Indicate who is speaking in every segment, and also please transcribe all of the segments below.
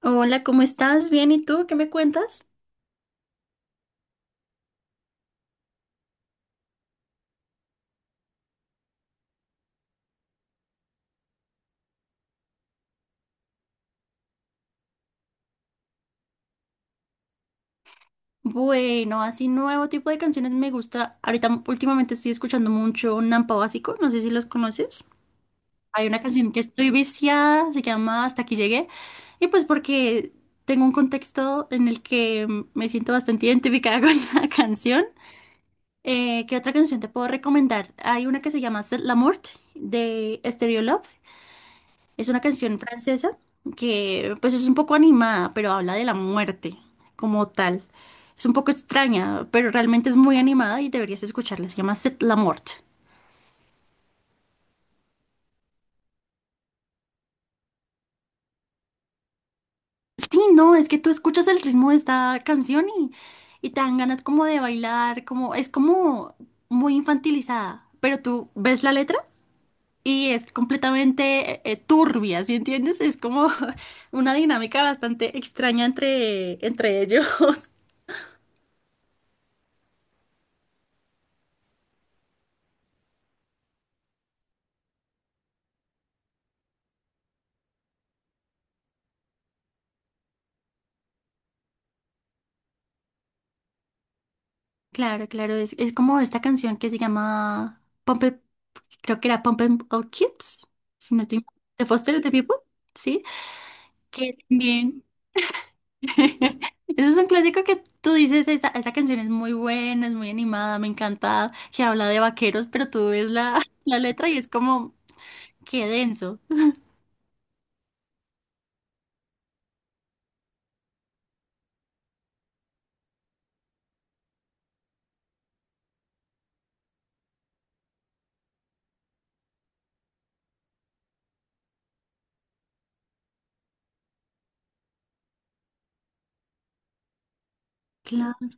Speaker 1: Hola, ¿cómo estás? Bien, ¿y tú? ¿Qué me cuentas? Bueno, así nuevo tipo de canciones me gusta. Ahorita últimamente estoy escuchando mucho Nampa Básico, no sé si los conoces. Hay una canción que estoy viciada, se llama Hasta aquí llegué. Y pues porque tengo un contexto en el que me siento bastante identificada con la canción. ¿Qué otra canción te puedo recomendar? Hay una que se llama C'est la mort de Stereo Love. Es una canción francesa que pues es un poco animada, pero habla de la muerte como tal. Es un poco extraña, pero realmente es muy animada y deberías escucharla. Se llama C'est la mort. Sí, no, es que tú escuchas el ritmo de esta canción y te dan ganas como de bailar, como es como muy infantilizada, pero tú ves la letra y es completamente turbia, ¿sí entiendes? Es como una dinámica bastante extraña entre ellos. Claro, claro, es como esta canción que se llama Pump creo que era Pump It Up Kids, si no estoy mal, de Foster the People, ¿sí? Que también, eso es un clásico que tú dices, esa canción es muy buena, es muy animada, me encanta, que habla de vaqueros, pero tú ves la, la letra y es como, qué denso. Claro.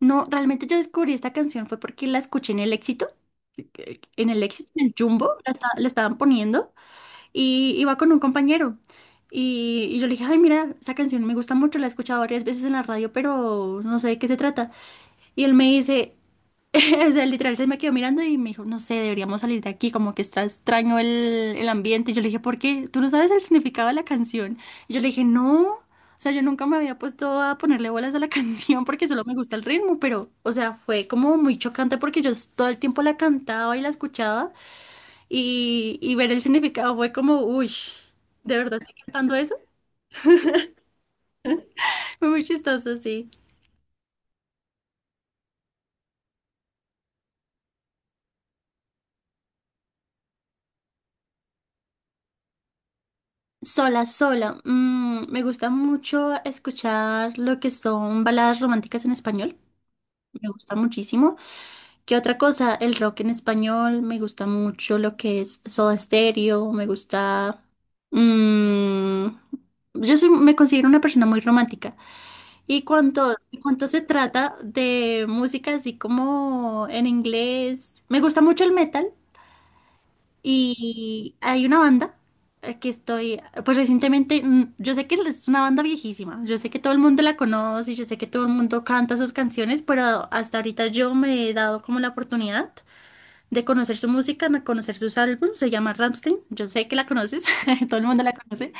Speaker 1: No, realmente yo descubrí esta canción fue porque la escuché en el Éxito, en el Éxito, en el Jumbo, la estaban poniendo. Y iba con un compañero. Y yo le dije, ay, mira, esa canción me gusta mucho, la he escuchado varias veces en la radio, pero no sé de qué se trata. Y él me dice, o sea, literal se me quedó mirando y me dijo, no sé, deberíamos salir de aquí, como que está extraño el ambiente. Y yo le dije, ¿por qué? ¿Tú no sabes el significado de la canción? Y yo le dije, no. O sea, yo nunca me había puesto a ponerle bolas a la canción porque solo me gusta el ritmo, pero, o sea, fue como muy chocante porque yo todo el tiempo la cantaba y la escuchaba y ver el significado fue como, uy, ¿de verdad estoy cantando eso? Fue muy chistoso, sí. Sola, sola. Me gusta mucho escuchar lo que son baladas románticas en español. Me gusta muchísimo. ¿Qué otra cosa? El rock en español. Me gusta mucho lo que es Soda Stereo. Me gusta... mm, yo soy, me considero una persona muy romántica. Y cuanto se trata de música así como en inglés, me gusta mucho el metal y hay una banda que estoy, pues recientemente, yo sé que es una banda viejísima, yo sé que todo el mundo la conoce, yo sé que todo el mundo canta sus canciones, pero hasta ahorita yo me he dado como la oportunidad de conocer su música, de conocer sus álbumes, se llama Rammstein, yo sé que la conoces, todo el mundo la conoce.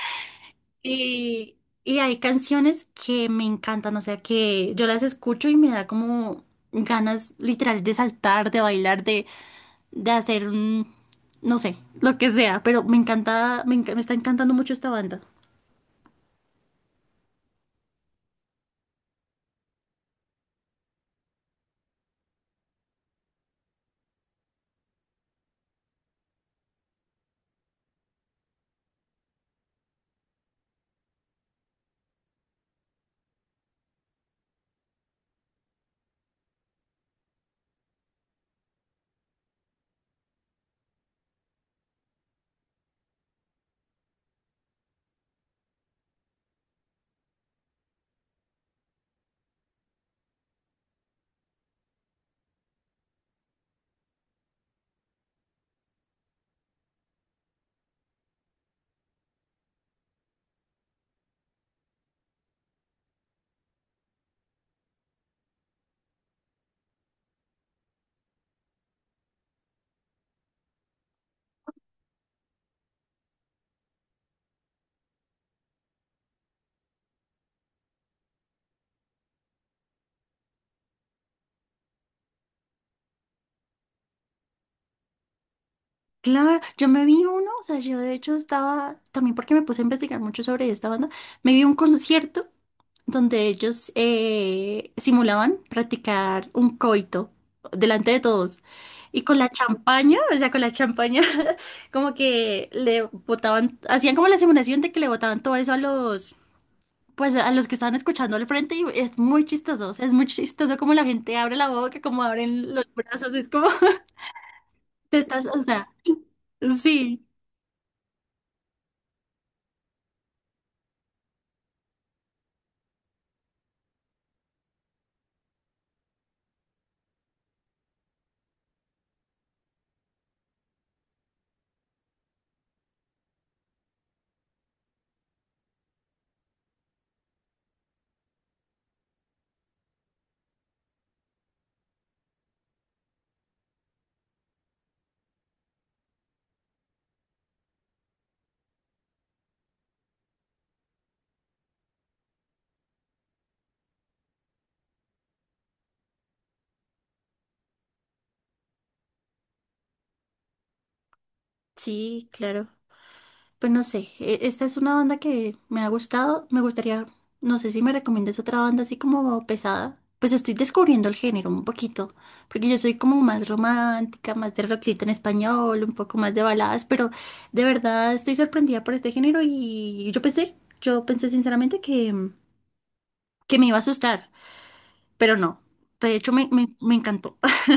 Speaker 1: Y, y hay canciones que me encantan, o sea, que yo las escucho y me da como ganas literal de saltar, de bailar, de hacer un, no sé, lo que sea, pero me encanta, me está encantando mucho esta banda. Claro, yo me vi uno, o sea, yo de hecho estaba, también porque me puse a investigar mucho sobre esta banda, me vi un concierto donde ellos simulaban practicar un coito delante de todos. Y con la champaña, o sea, con la champaña, como que le botaban, hacían como la simulación de que le botaban todo eso a los, pues a los que estaban escuchando al frente y es muy chistoso, o sea, es muy chistoso como la gente abre la boca, como abren los brazos, es como, te estás, o sea, sí, sí, claro. Pues no sé, esta es una banda que me ha gustado. Me gustaría, no sé si me recomiendas otra banda así como pesada. Pues estoy descubriendo el género un poquito, porque yo soy como más romántica, más de rockcito en español, un poco más de baladas, pero de verdad estoy sorprendida por este género y yo pensé sinceramente que me iba a asustar, pero no. De hecho, me encantó.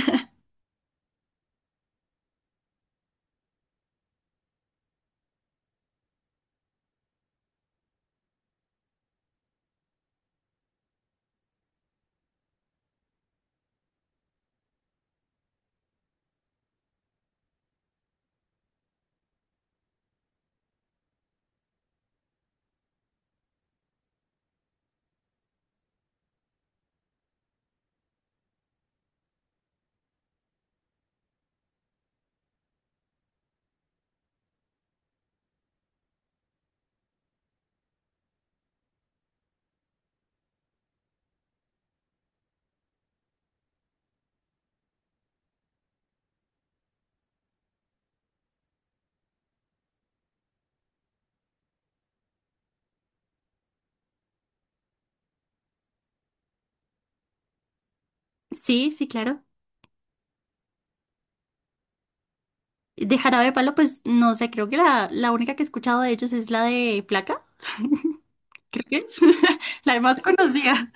Speaker 1: Sí, sí, claro. De Jarabe de Palo, pues no sé, creo que la única que he escuchado de ellos es la de Placa. ¿Crees? La más conocida.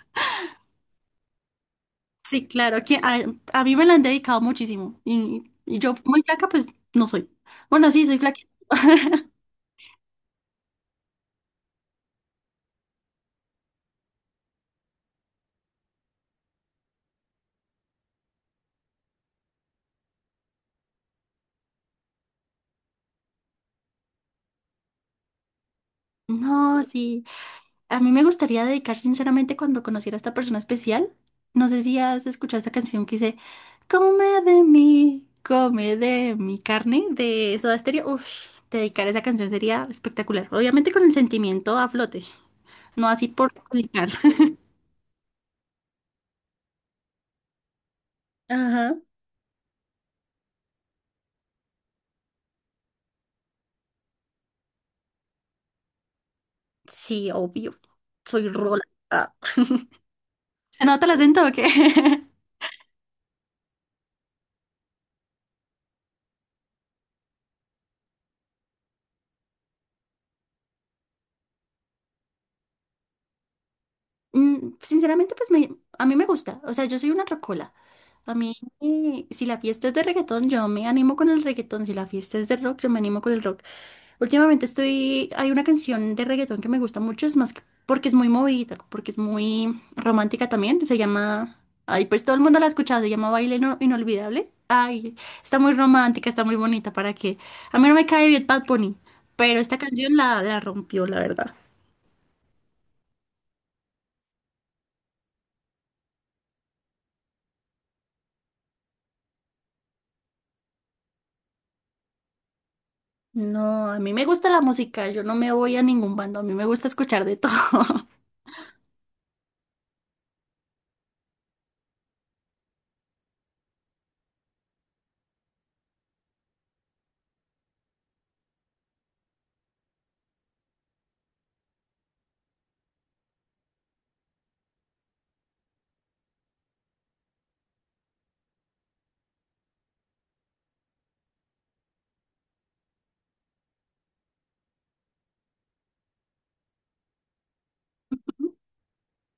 Speaker 1: Sí, claro, a mí me la han dedicado muchísimo. Y yo muy flaca, pues no soy. Bueno, sí, soy flaca. No, sí. A mí me gustaría dedicar sinceramente cuando conociera a esta persona especial. No sé si has escuchado esta canción que dice, come de mí, come de mi carne, de Soda Stereo. Uf, dedicar esa canción sería espectacular. Obviamente con el sentimiento a flote, no así por dedicar. Ajá. Sí, obvio. Soy Rola. Ah. ¿Se nota el acento o qué? Sinceramente, pues a mí me gusta. O sea, yo soy una rocola. A mí, si la fiesta es de reggaetón, yo me animo con el reggaetón. Si la fiesta es de rock, yo me animo con el rock. Últimamente estoy, hay una canción de reggaetón que me gusta mucho, es más que porque es muy movida, porque es muy romántica también, se llama, ay, pues todo el mundo la ha escuchado, se llama Baile Inolvidable. Ay, está muy romántica, está muy bonita, ¿para qué? A mí no me cae bien Bad Bunny, pero esta canción la rompió, la verdad. No, a mí me gusta la música, yo no me voy a ningún bando, a mí me gusta escuchar de todo.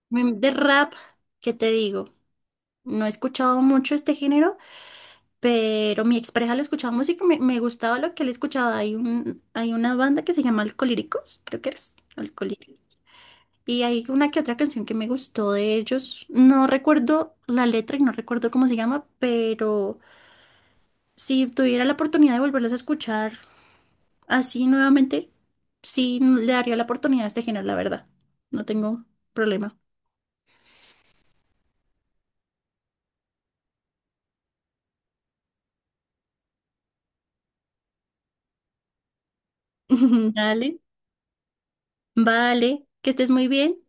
Speaker 1: De rap, ¿qué te digo? No he escuchado mucho este género, pero mi expareja le escuchaba música, me gustaba lo que él escuchaba. Hay una banda que se llama Alcolíricos, creo que eres, Alcolíricos. Y hay una que otra canción que me gustó de ellos. No recuerdo la letra y no recuerdo cómo se llama, pero si tuviera la oportunidad de volverlos a escuchar así nuevamente, sí le daría la oportunidad a este género, la verdad. No tengo problema. Ujú. Dale. Vale, que estés muy bien.